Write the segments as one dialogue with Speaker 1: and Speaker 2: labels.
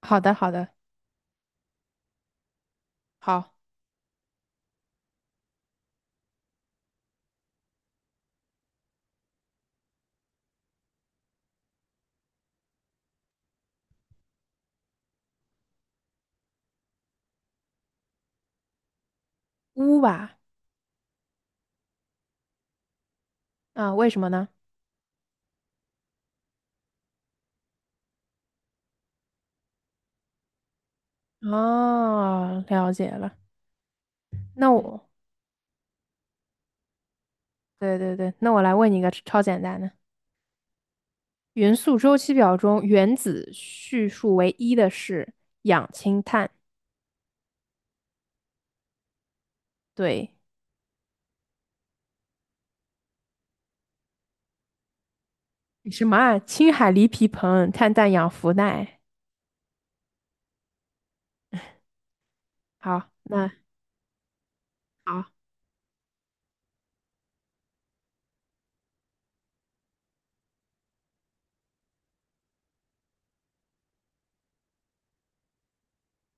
Speaker 1: 好的，好的，好，乌吧，啊，为什么呢？哦，了解了。那我，对对对，那我来问你一个超简单的：元素周期表中原子序数为一的是氧氢碳。对，什么啊？氢氦锂铍硼碳氮氧氟氖。好，那好，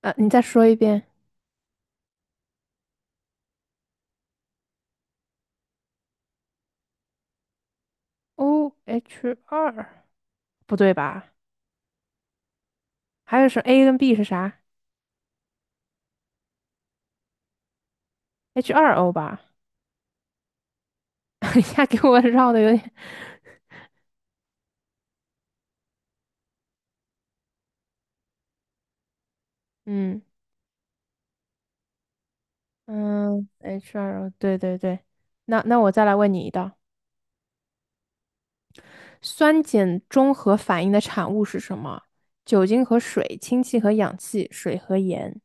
Speaker 1: 你再说一遍。O H 二，不对吧？还有是 A 跟 B 是啥？H 二 O 吧？一下给我绕的有点，嗯。嗯，HR，对对对，那我再来问你一道，酸碱中和反应的产物是什么？酒精和水，氢气和氧气，水和盐。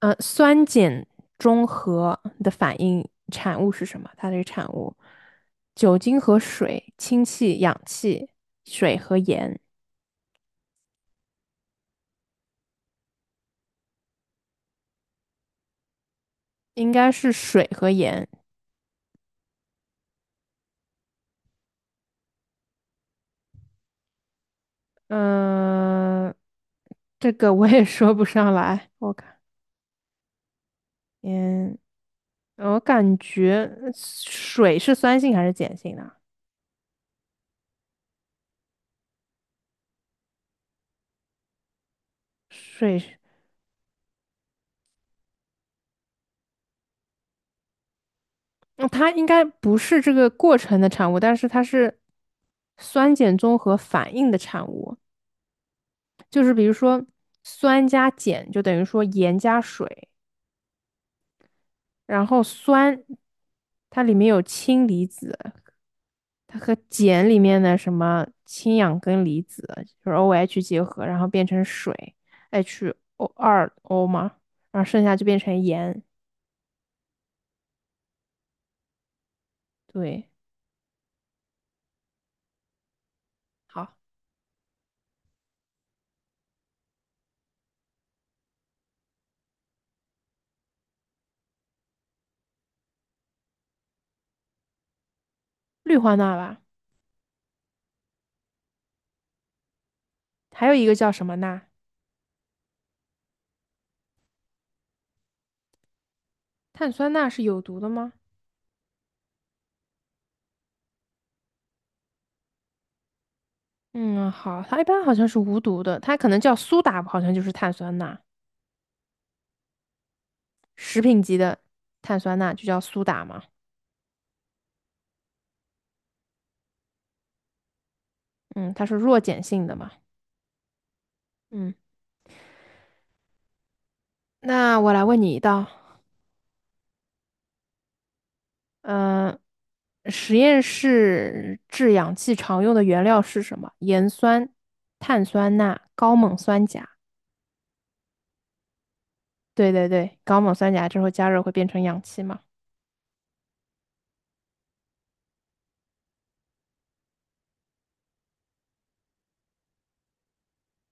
Speaker 1: 酸碱中和的反应产物是什么？它这个产物，酒精和水、氢气、氧气、水和盐，应该是水和盐。嗯、这个我也说不上来，我看，嗯。我感觉水是酸性还是碱性的？水是，嗯它应该不是这个过程的产物，但是它是酸碱综合反应的产物。就是比如说酸加碱就等于说盐加水，然后酸它里面有氢离子，它和碱里面的什么氢氧根离子就是 OH 结合，然后变成水 H2O 嘛，然后剩下就变成盐。对。好。氯化钠吧，还有一个叫什么钠？碳酸钠是有毒的吗？嗯，好，它一般好像是无毒的，它可能叫苏打，好像就是碳酸钠，食品级的碳酸钠就叫苏打嘛。嗯，它是弱碱性的嘛。嗯，那我来问你一道，嗯、实验室制氧气常用的原料是什么？盐酸、碳酸钠、高锰酸钾。对对对，高锰酸钾之后加热会变成氧气嘛？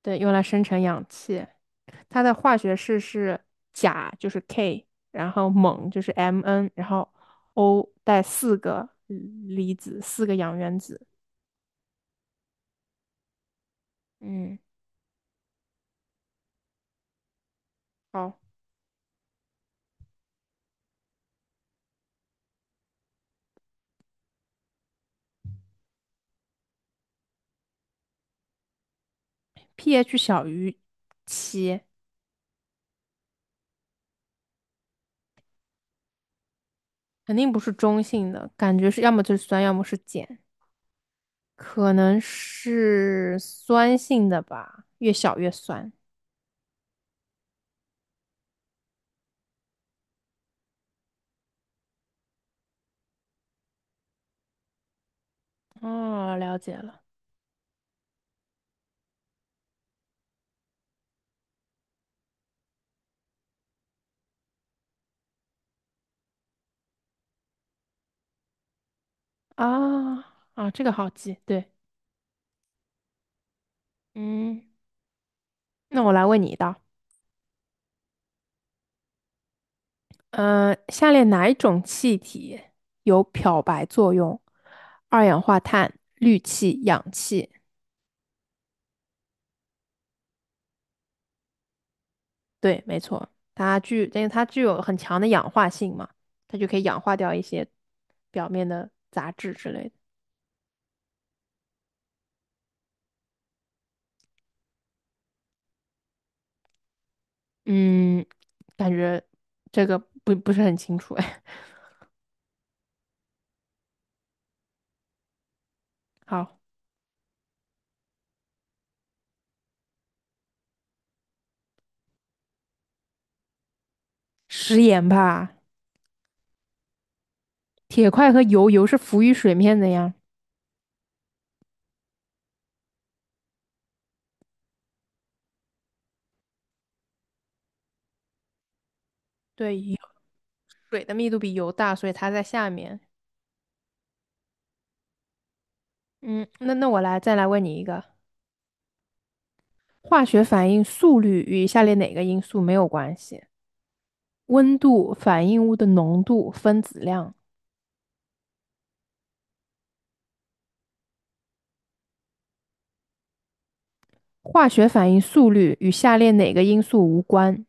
Speaker 1: 对，用来生成氧气。它的化学式是钾就是 K，然后锰就是 Mn，然后 O 带四个离子，四个氧原子。嗯，好，pH 小于七，肯定不是中性的，感觉是要么就是酸，要么是碱，可能是酸性的吧，越小越酸。哦，了解了。啊啊，这个好记，对，嗯，那我来问你一道，下列哪一种气体有漂白作用？二氧化碳、氯气、氧气。对，没错，因为它具有很强的氧化性嘛，它就可以氧化掉一些表面的杂质之类的。嗯，感觉这个不是很清楚哎。好，食盐吧，铁块和油，油是浮于水面的呀。对，油水的密度比油大，所以它在下面。嗯，那我来再来问你一个。化学反应速率与以下列哪个因素没有关系？温度、反应物的浓度、分子量。化学反应速率与下列哪个因素无关？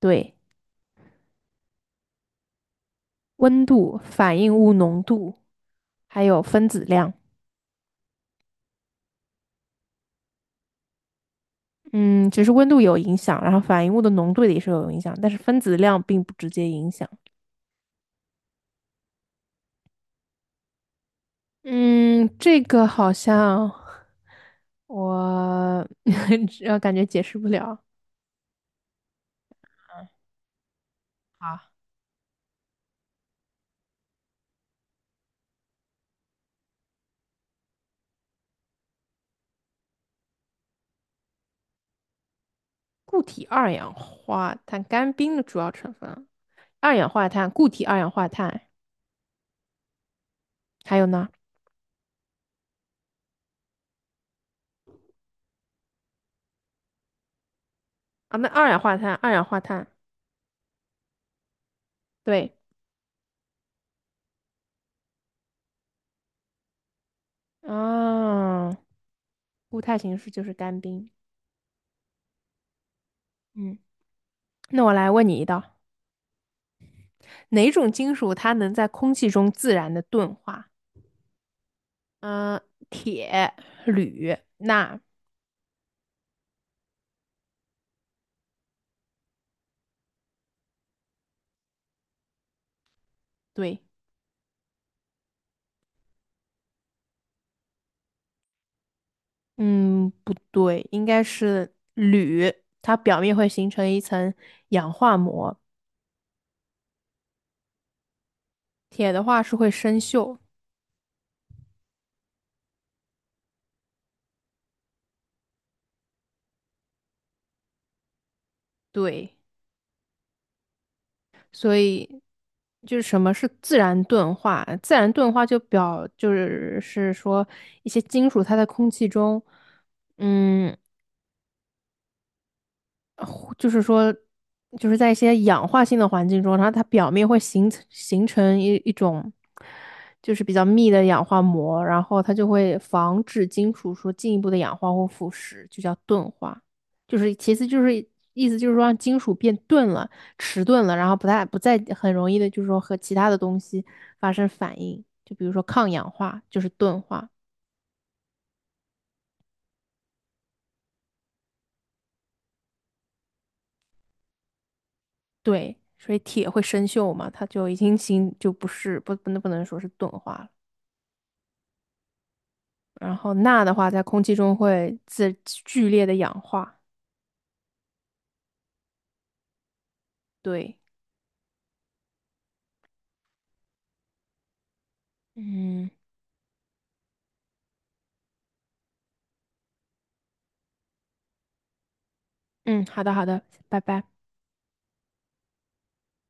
Speaker 1: 对，温度、反应物浓度，还有分子量。嗯，只是温度有影响，然后反应物的浓度也是有影响，但是分子量并不直接影响。嗯，这个好像我 感觉解释不了。嗯，好。固体二氧化碳干冰的主要成分，二氧化碳、固体二氧化碳，还有呢？啊，那二氧化碳，二氧化碳，对，啊，固态形式就是干冰。嗯，那我来问你一道，哪种金属它能在空气中自然的钝化？嗯、铁、铝、钠，对，嗯，不对，应该是铝，它表面会形成一层氧化膜，铁的话是会生锈，对。所以就是什么是自然钝化？自然钝化就表就是是说一些金属它在空气中，嗯，就是说，就是在一些氧化性的环境中，然后它表面会形成一种就是比较密的氧化膜，然后它就会防止金属说进一步的氧化或腐蚀，就叫钝化。就是其次就是意思就是说让金属变钝了、迟钝了，然后不再很容易的，就是说和其他的东西发生反应，就比如说抗氧化就是钝化，对，所以铁会生锈嘛，它就已经就不是不能说是钝化了。然后钠的话，在空气中会剧烈的氧化。对，嗯嗯，好的好的，拜拜。